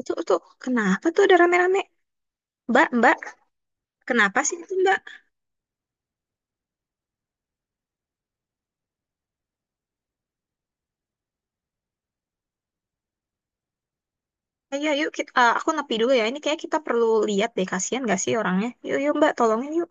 Itu tuh kenapa tuh ada rame-rame? Mbak, Mbak, kenapa sih itu Mbak? Ayo, yuk kita, aku nepi dulu ya. Ini kayak kita perlu lihat deh, kasihan gak sih orangnya? Yuk, yuk Mbak, tolongin yuk.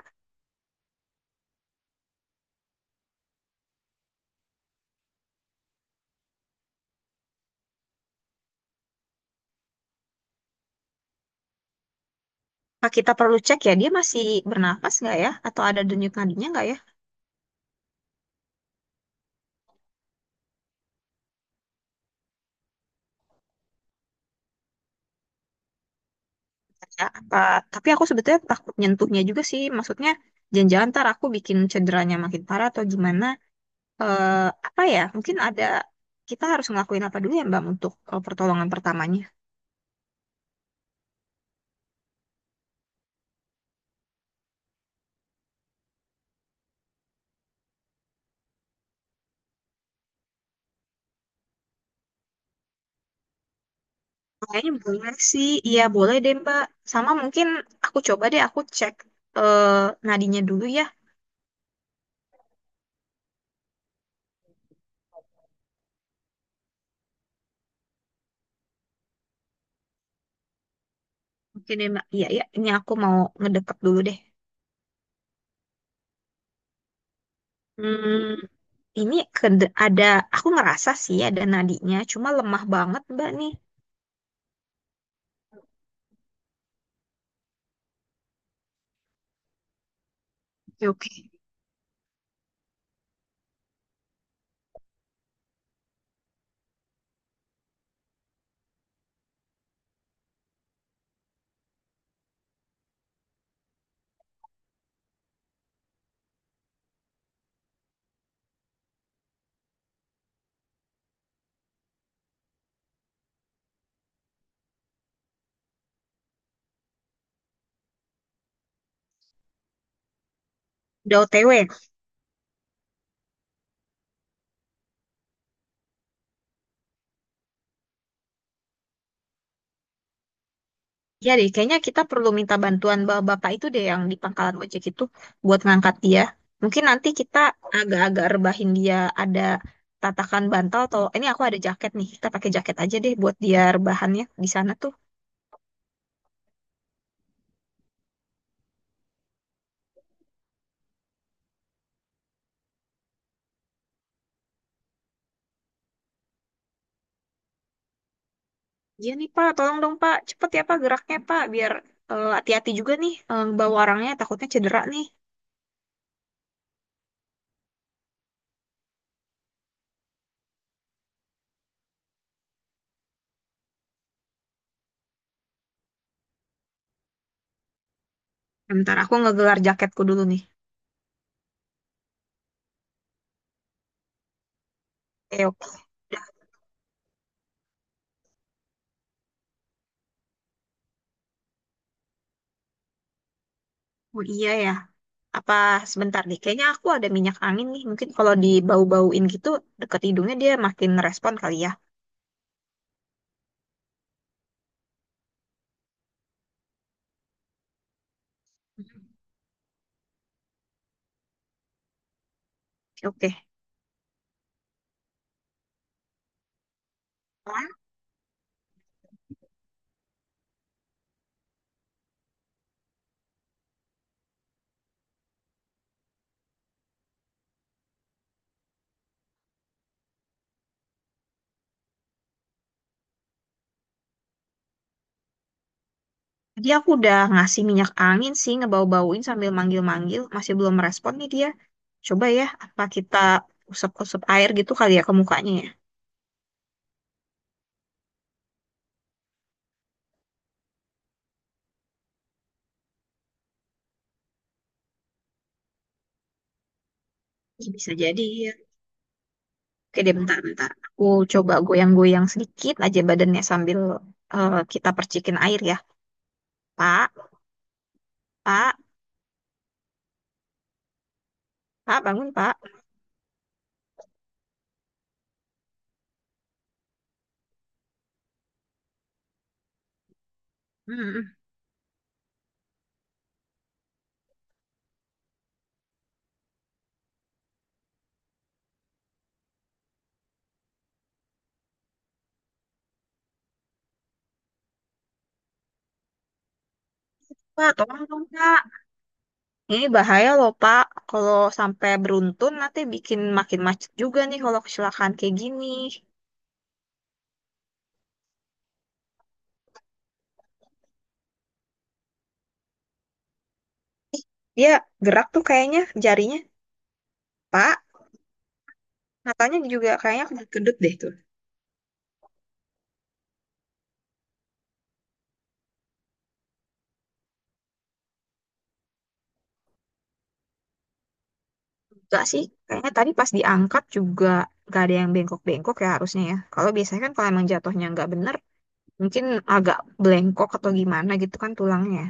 Apa kita perlu cek ya, dia masih bernapas nggak ya? Atau ada denyut nadinya nggak ya? Ya, apa? Tapi aku sebetulnya takut nyentuhnya juga sih. Maksudnya, jangan-jangan ntar aku bikin cederanya makin parah atau gimana? Eh, Apa ya? Mungkin ada kita harus ngelakuin apa dulu ya Mbak untuk pertolongan pertamanya? Kayaknya boleh sih, iya boleh deh Mbak. Sama mungkin aku coba deh aku cek eh nadinya dulu ya. Oke deh Mbak, iya iya. Ini aku mau ngedeket dulu deh. Hmm, ada, aku ngerasa sih ada nadinya, cuma lemah banget Mbak nih. Oke, oke. Udah OTW. Iya deh, kayaknya kita perlu minta bantuan bapak bapak itu deh yang di pangkalan ojek itu buat ngangkat dia. Mungkin nanti kita agak-agak rebahin dia ada tatakan bantal atau ini aku ada jaket nih, kita pakai jaket aja deh buat dia rebahannya di sana tuh. Iya nih Pak, tolong dong Pak, cepet ya Pak geraknya Pak, biar hati-hati juga nih bawa orangnya takutnya cedera nih. Bentar aku ngegelar jaketku dulu nih. Oke oke. Udah. Oh iya ya. Apa sebentar nih, kayaknya aku ada minyak angin nih. Mungkin kalau dibau-bauin gitu, deket hidungnya dia makin respon kali ya. Oke, oke. Soalnya tadi aku udah ngasih minyak angin sih, ngebau-bauin sambil manggil-manggil. Masih belum merespon nih dia. Coba ya, apa kita usap-usap air gitu kali ya ke mukanya ya. Ya, bisa jadi ya. Oke deh, bentar-bentar. Aku coba goyang-goyang sedikit aja badannya sambil kita percikin air ya. Pak, Pak, Pak, bangun Pak. Hmm, Pak, tolong dong Pak. Ini bahaya loh, Pak. Kalau sampai beruntun nanti bikin makin macet juga nih kalau kecelakaan kayak gini. Dia gerak tuh kayaknya jarinya, Pak. Matanya juga kayaknya kedut-kedut deh tuh. Enggak sih, kayaknya tadi pas diangkat juga gak ada yang bengkok-bengkok ya harusnya ya. Kalau biasanya kan kalau emang jatuhnya nggak bener, mungkin agak belengkok atau gimana gitu kan tulangnya.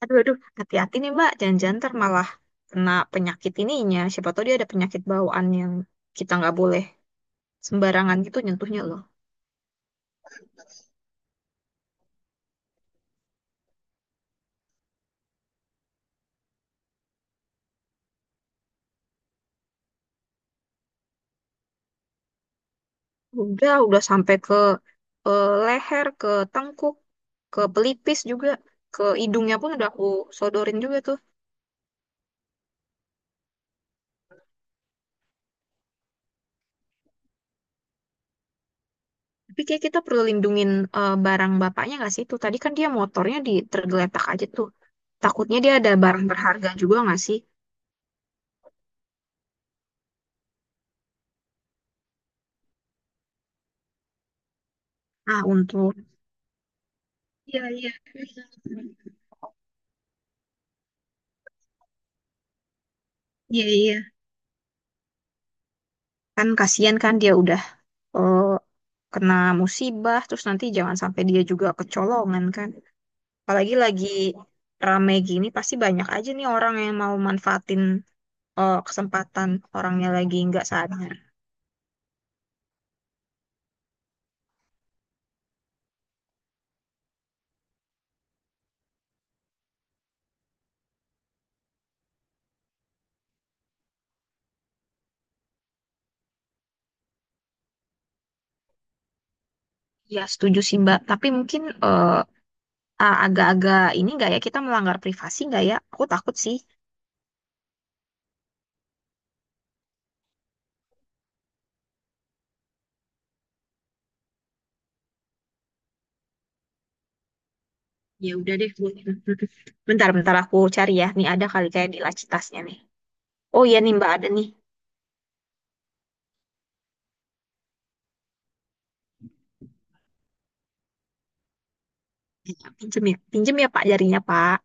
Aduh, aduh, hati-hati nih, Mbak. Jangan-jangan ntar malah kena penyakit ininya. Siapa tahu dia ada penyakit bawaan yang kita nggak boleh sembarangan gitu nyentuhnya loh. Udah sampai ke leher, ke tengkuk, ke pelipis juga, ke hidungnya pun udah aku sodorin juga tuh. Tapi kayak kita perlu lindungin barang bapaknya nggak sih tuh? Tadi kan dia motornya di tergeletak aja tuh. Takutnya dia ada barang berharga juga nggak sih? Ah, untuk iya, iya, iya, iya. Kan kasihan kan dia udah eh, kena musibah, terus nanti jangan sampai dia juga kecolongan kan. Apalagi lagi rame gini, pasti banyak aja nih orang yang mau manfaatin kesempatan orangnya lagi nggak sadar. Ya, setuju sih Mbak. Tapi mungkin eh, agak-agak ini nggak ya kita melanggar privasi nggak ya? Aku takut sih. Ya udah deh. Bu. Bentar, bentar aku cari ya. Nih ada kali kayak di laci tasnya nih. Oh iya nih Mbak ada nih. Pinjem ya Pak jarinya Pak.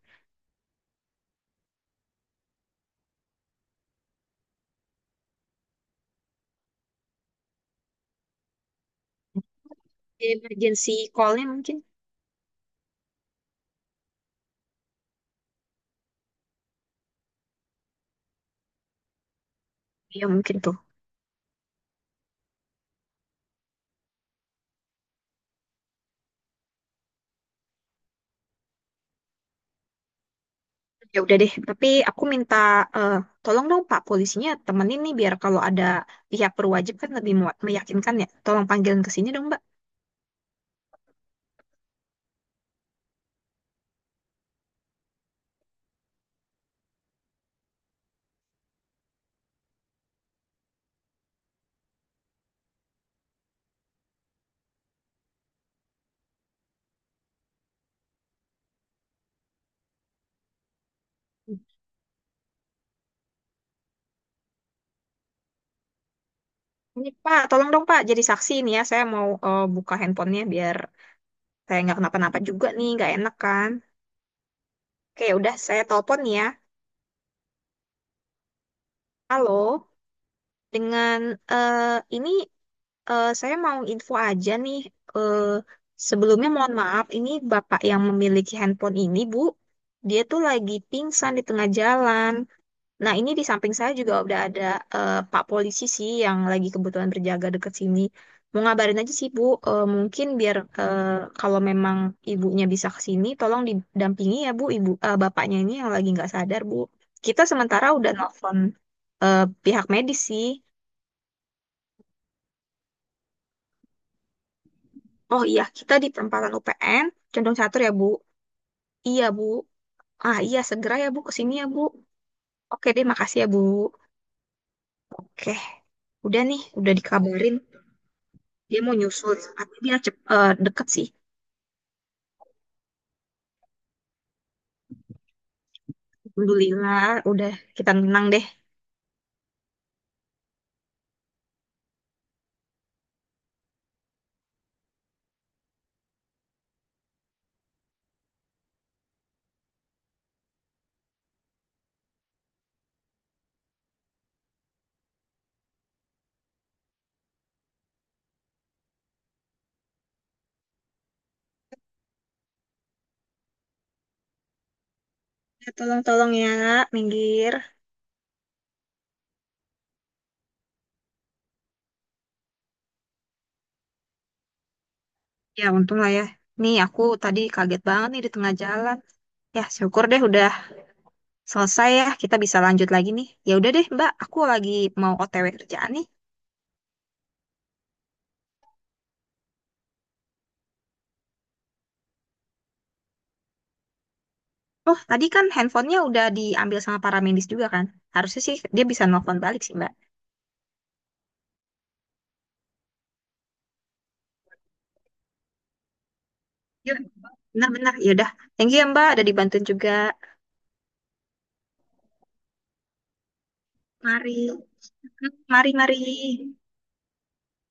Emergency call-nya mungkin. Ya mungkin tuh. Ya udah deh. Tapi aku minta eh, tolong dong Pak polisinya temenin nih biar kalau ada pihak berwajib kan lebih meyakinkan ya. Tolong panggilin ke sini dong Mbak. Ini Pak, tolong dong Pak, jadi saksi ini ya. Saya mau buka handphonenya biar saya nggak kenapa-napa juga nih, nggak enak kan? Oke, ya udah saya telepon nih ya. Halo, dengan eh, ini saya mau info aja nih. Eh, Sebelumnya mohon maaf, ini Bapak yang memiliki handphone ini, Bu. Dia tuh lagi pingsan di tengah jalan. Nah, ini di samping saya juga udah ada Pak polisi sih yang lagi kebetulan berjaga deket sini. Mau ngabarin aja sih Bu. Mungkin biar kalau memang ibunya bisa ke sini, tolong didampingi ya Bu, bapaknya ini yang lagi nggak sadar Bu. Kita sementara udah nelfon eh, pihak medis sih. Oh iya, kita di perempatan UPN, Condong Catur ya Bu. Iya Bu. Ah iya, segera ya Bu ke sini ya Bu. Oke deh, makasih ya Bu. Oke, udah nih, udah dikabarin. Dia mau nyusul, tapi dia deket sih. Alhamdulillah, udah kita menang deh. Ya, tolong-tolong ya, minggir. Ya, untung lah ya. Nih, aku tadi kaget banget nih di tengah jalan. Ya, syukur deh udah selesai ya. Kita bisa lanjut lagi nih. Ya udah deh, Mbak. Aku lagi mau OTW kerjaan nih. Oh, tadi kan handphonenya udah diambil sama para medis juga kan? Harusnya sih dia bisa nelfon balik sih, Mbak. Ya, benar-benar. Ya udah. Thank you ya, Mbak. Udah dibantuin juga. Mari. Mari, mari.